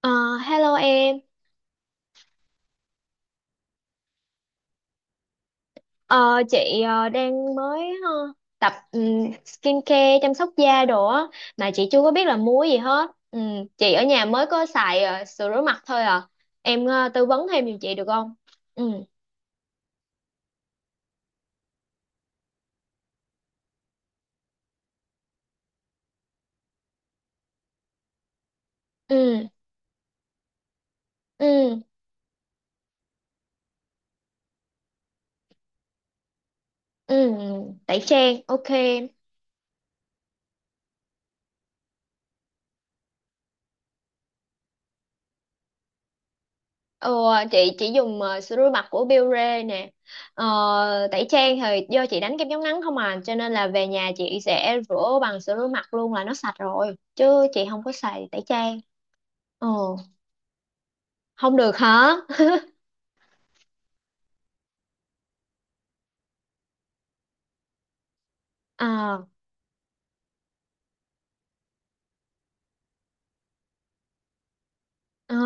Ờ, Hello em. Ờ, chị đang mới ờ, tập skincare chăm sóc da đồ á mà chị chưa có biết là mua gì hết. Ừ, chị ở nhà mới có xài sữa rửa mặt thôi à. Em tư vấn thêm giùm chị được không? Ừ, ừ, ừ, ừ, tẩy trang, ok. Ờ, chị chỉ dùng sữa rửa mặt của Biore nè, tẩy trang thì do chị đánh kem chống nắng không à, cho nên là về nhà chị sẽ rửa bằng sữa rửa mặt luôn là nó sạch rồi chứ chị không có xài tẩy trang. ờ Không được hả? Ờ. Ờ.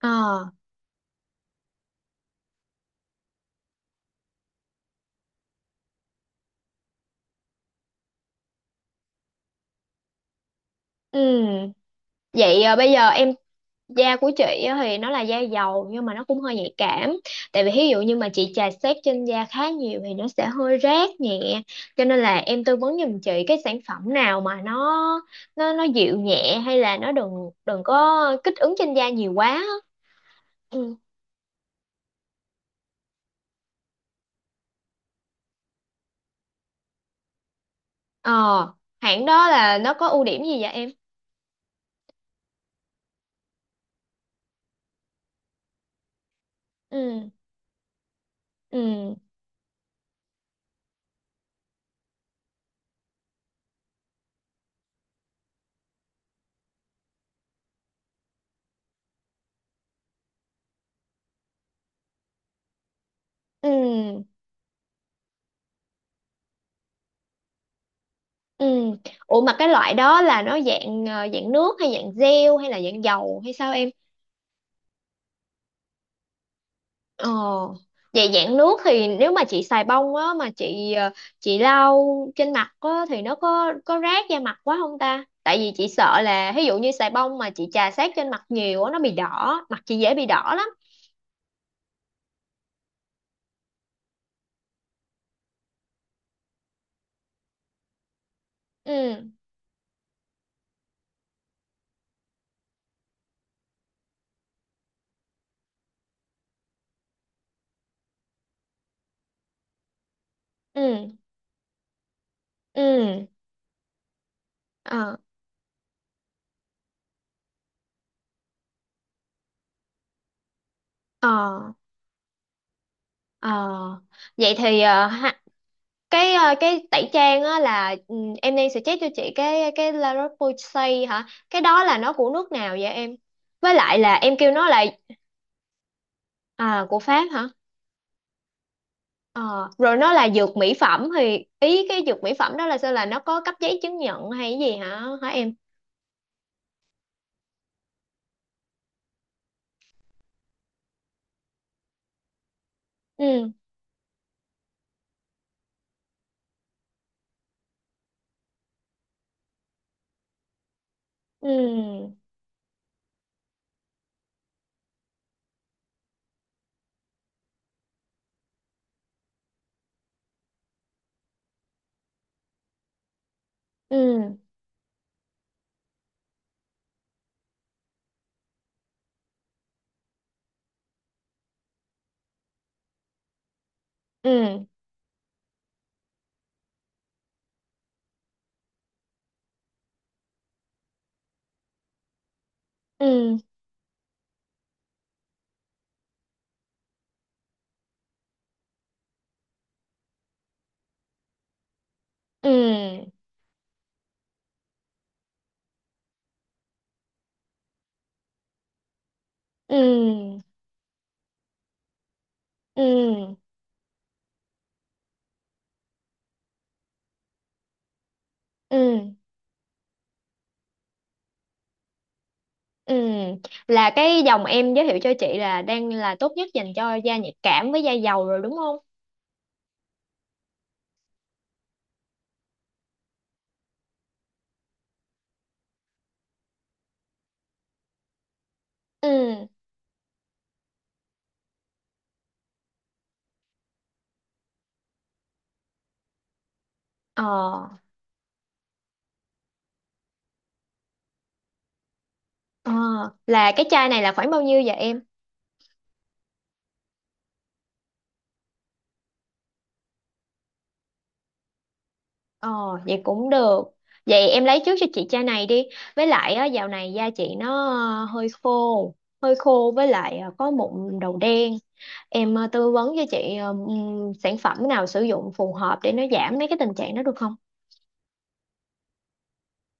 Ờ. Ừ, vậy bây giờ em. Da của chị á thì nó là da dầu nhưng mà nó cũng hơi nhạy cảm, tại vì ví dụ như mà chị chà xát trên da khá nhiều thì nó sẽ hơi rát nhẹ, cho nên là em tư vấn giùm chị cái sản phẩm nào mà nó dịu nhẹ hay là nó đừng đừng có kích ứng trên da nhiều quá á. Ừ. ờ Hãng đó là nó có ưu điểm gì vậy em? Ừ. Ừ. Ừ. Ừ. Ủa mà cái loại đó là nó dạng dạng nước hay dạng gel hay là dạng dầu hay sao em? Ờ, vậy dạng nước thì nếu mà chị xài bông á mà chị chị lau trên mặt á thì nó có rát da mặt quá không ta? Tại vì chị sợ là ví dụ như xài bông mà chị chà sát trên mặt nhiều á nó bị đỏ, mặt chị dễ bị đỏ lắm. Ừ, ừ, ừ. Ờ, ờ, ờ. Vậy thì cái tẩy trang á là, em đang suggest cho chị cái La Roche-Posay hả? Cái đó là nó của nước nào vậy em? Với lại là em kêu nó là. À, của Pháp hả? Ờ, rồi nó là dược mỹ phẩm, thì ý cái dược mỹ phẩm đó là sao, là nó có cấp giấy chứng nhận hay cái gì hả hả em? Ừ. Ừ. Ừ. Ừ. Ừ. Ừ. Ừ. Ừ. Ừ. Ừ. Là cái dòng em giới thiệu cho chị là đang là tốt nhất dành cho da nhạy cảm với da dầu rồi đúng không? Ừ. Ờ, ờ, là cái chai này là khoảng bao nhiêu vậy em? Ờ, vậy cũng được. Vậy em lấy trước cho chị chai này đi. Với lại á, dạo này da chị nó ờ, hơi khô, hơi khô với lại có mụn đầu đen. Em tư vấn cho chị sản phẩm nào sử dụng phù hợp để nó giảm mấy cái tình trạng đó được không?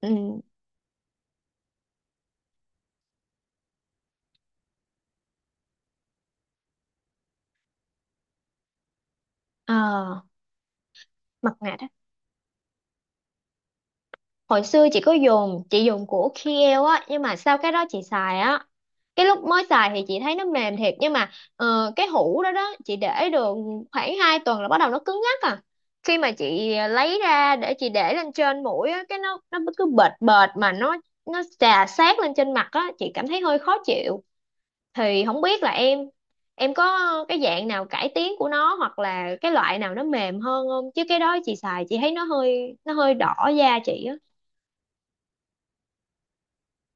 Ừ. Ờ, mặt nạ, hồi xưa chị có dùng, chị dùng của Kiehl á, nhưng mà sau cái đó chị xài á, cái lúc mới xài thì chị thấy nó mềm thiệt, nhưng mà cái hũ đó đó chị để được khoảng 2 tuần là bắt đầu nó cứng ngắc à, khi mà chị lấy ra để chị để lên trên mũi á cái nó cứ bệt bệt, mà nó chà sát lên trên mặt á, chị cảm thấy hơi khó chịu, thì không biết là em có cái dạng nào cải tiến của nó, hoặc là cái loại nào nó mềm hơn không, chứ cái đó chị xài chị thấy nó hơi đỏ da chị á.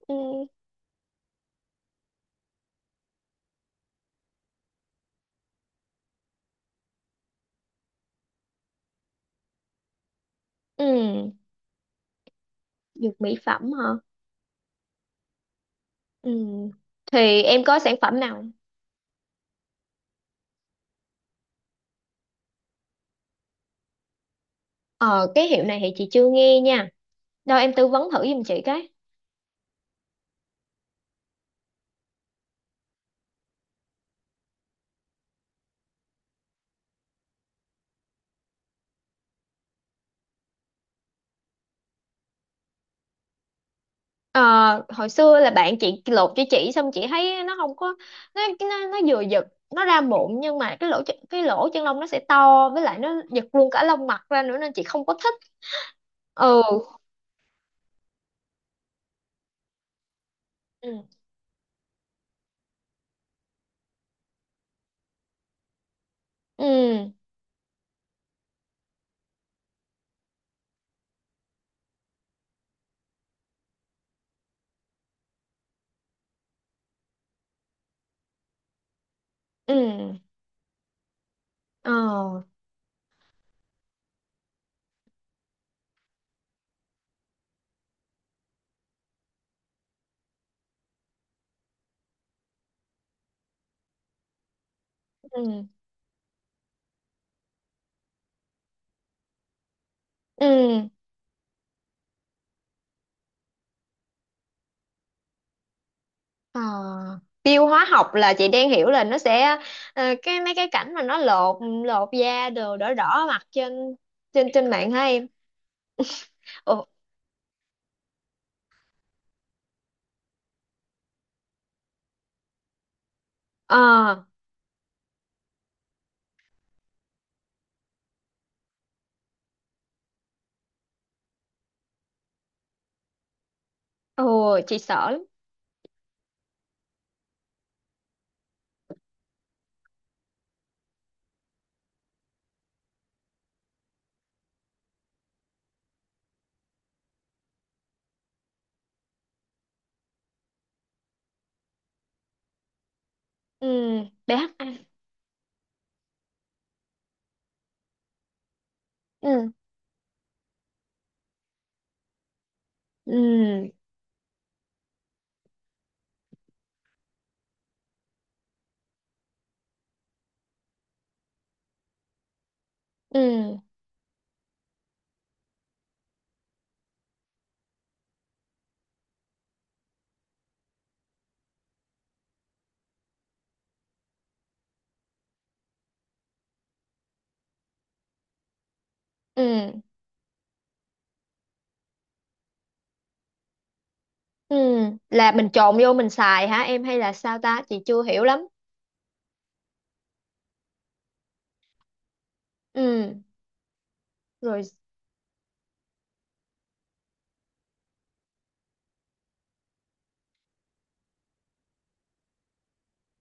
Ừ. Ừ, dược mỹ phẩm hả? Ừ. Thì em có sản phẩm nào? Ờ, cái hiệu này thì chị chưa nghe nha. Đâu em tư vấn thử giùm chị cái. Ờ, hồi xưa là bạn chị lột cho chị, xong chị thấy nó không có, nó nó, nó vừa giật, nó ra mụn nhưng mà cái lỗ chân lông nó sẽ to, với lại nó giật luôn cả lông mặt ra nữa nên chị không có thích. Ừ. Ừ. Ừ. Ừ. Ờ. Ừ. Ừ. Ờ, tiêu hóa học là chị đang hiểu là nó sẽ cái mấy cái cảnh mà nó lột lột da đồ đỏ đỏ mặt trên trên trên mạng hả em? Ồ, ờ, ồ, chị sợ lắm. Ừ, BHA. Ừ, ừ, ừ, ừ, ừ. Là mình trộn vô mình xài hả em hay là sao ta? Chị chưa hiểu lắm. Ừ, rồi.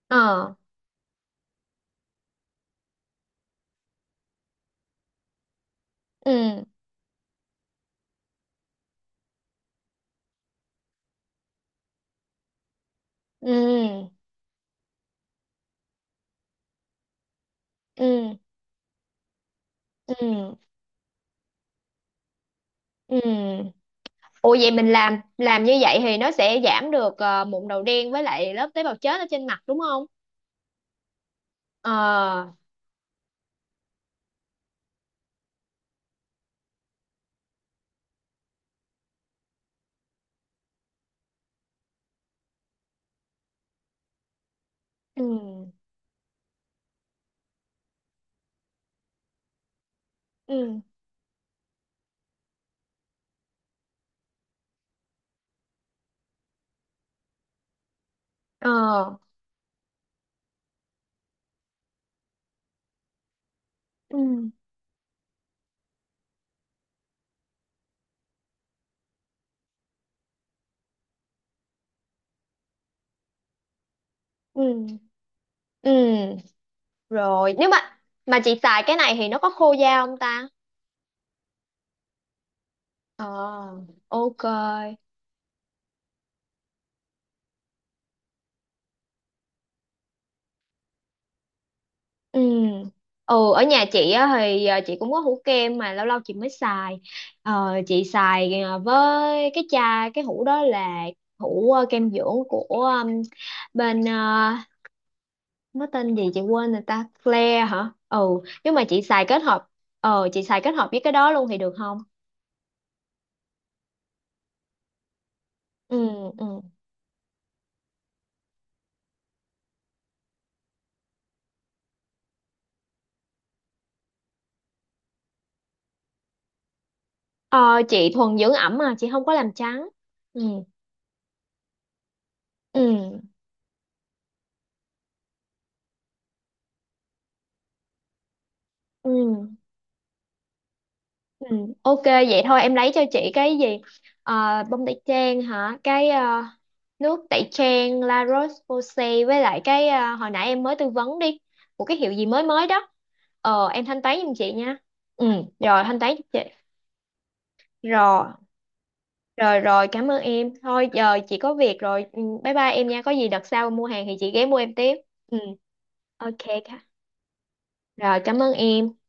Ờ, ừ, ừ, ừ, ừ, ừ. Ừ. Ủa, vậy mình làm như vậy thì nó sẽ giảm được mụn đầu đen với lại lớp tế bào chết ở trên mặt đúng không? Ờ. Ừ. Ừ. Ờ. Ừ. Ừ. Ừ. Rồi, nếu mà chị xài cái này thì nó có khô da không ta? Ờ. Ok. Ừ. Ừ, ở nhà chị á, thì chị cũng có hũ kem mà lâu lâu chị mới xài. Ờ, chị xài với cái chai, cái hũ đó là hũ kem dưỡng của bên, nó tên gì chị quên rồi ta, Flare hả? Ừ, nhưng mà chị xài kết hợp, chị xài kết hợp với cái đó luôn thì được không? Ừ. Ừ. ờ chị thuần dưỡng ẩm mà chị không có làm trắng. Ừ. Ừ. Ừ. Ừ. Ok, vậy thôi em lấy cho chị cái gì, bông tẩy trang hả, nước tẩy trang La Roche-Posay, với lại cái, hồi nãy em mới tư vấn đi, của cái hiệu gì mới mới đó. Em thanh toán giùm chị nha. Ừ, rồi thanh toán cho chị. Rồi. Rồi, rồi, cảm ơn em. Thôi giờ chị có việc rồi. Ừ, Bye bye em nha. Có gì đợt sau mua hàng thì chị ghé mua em tiếp. Ừ, ok. cả- Rồi, cảm ơn em.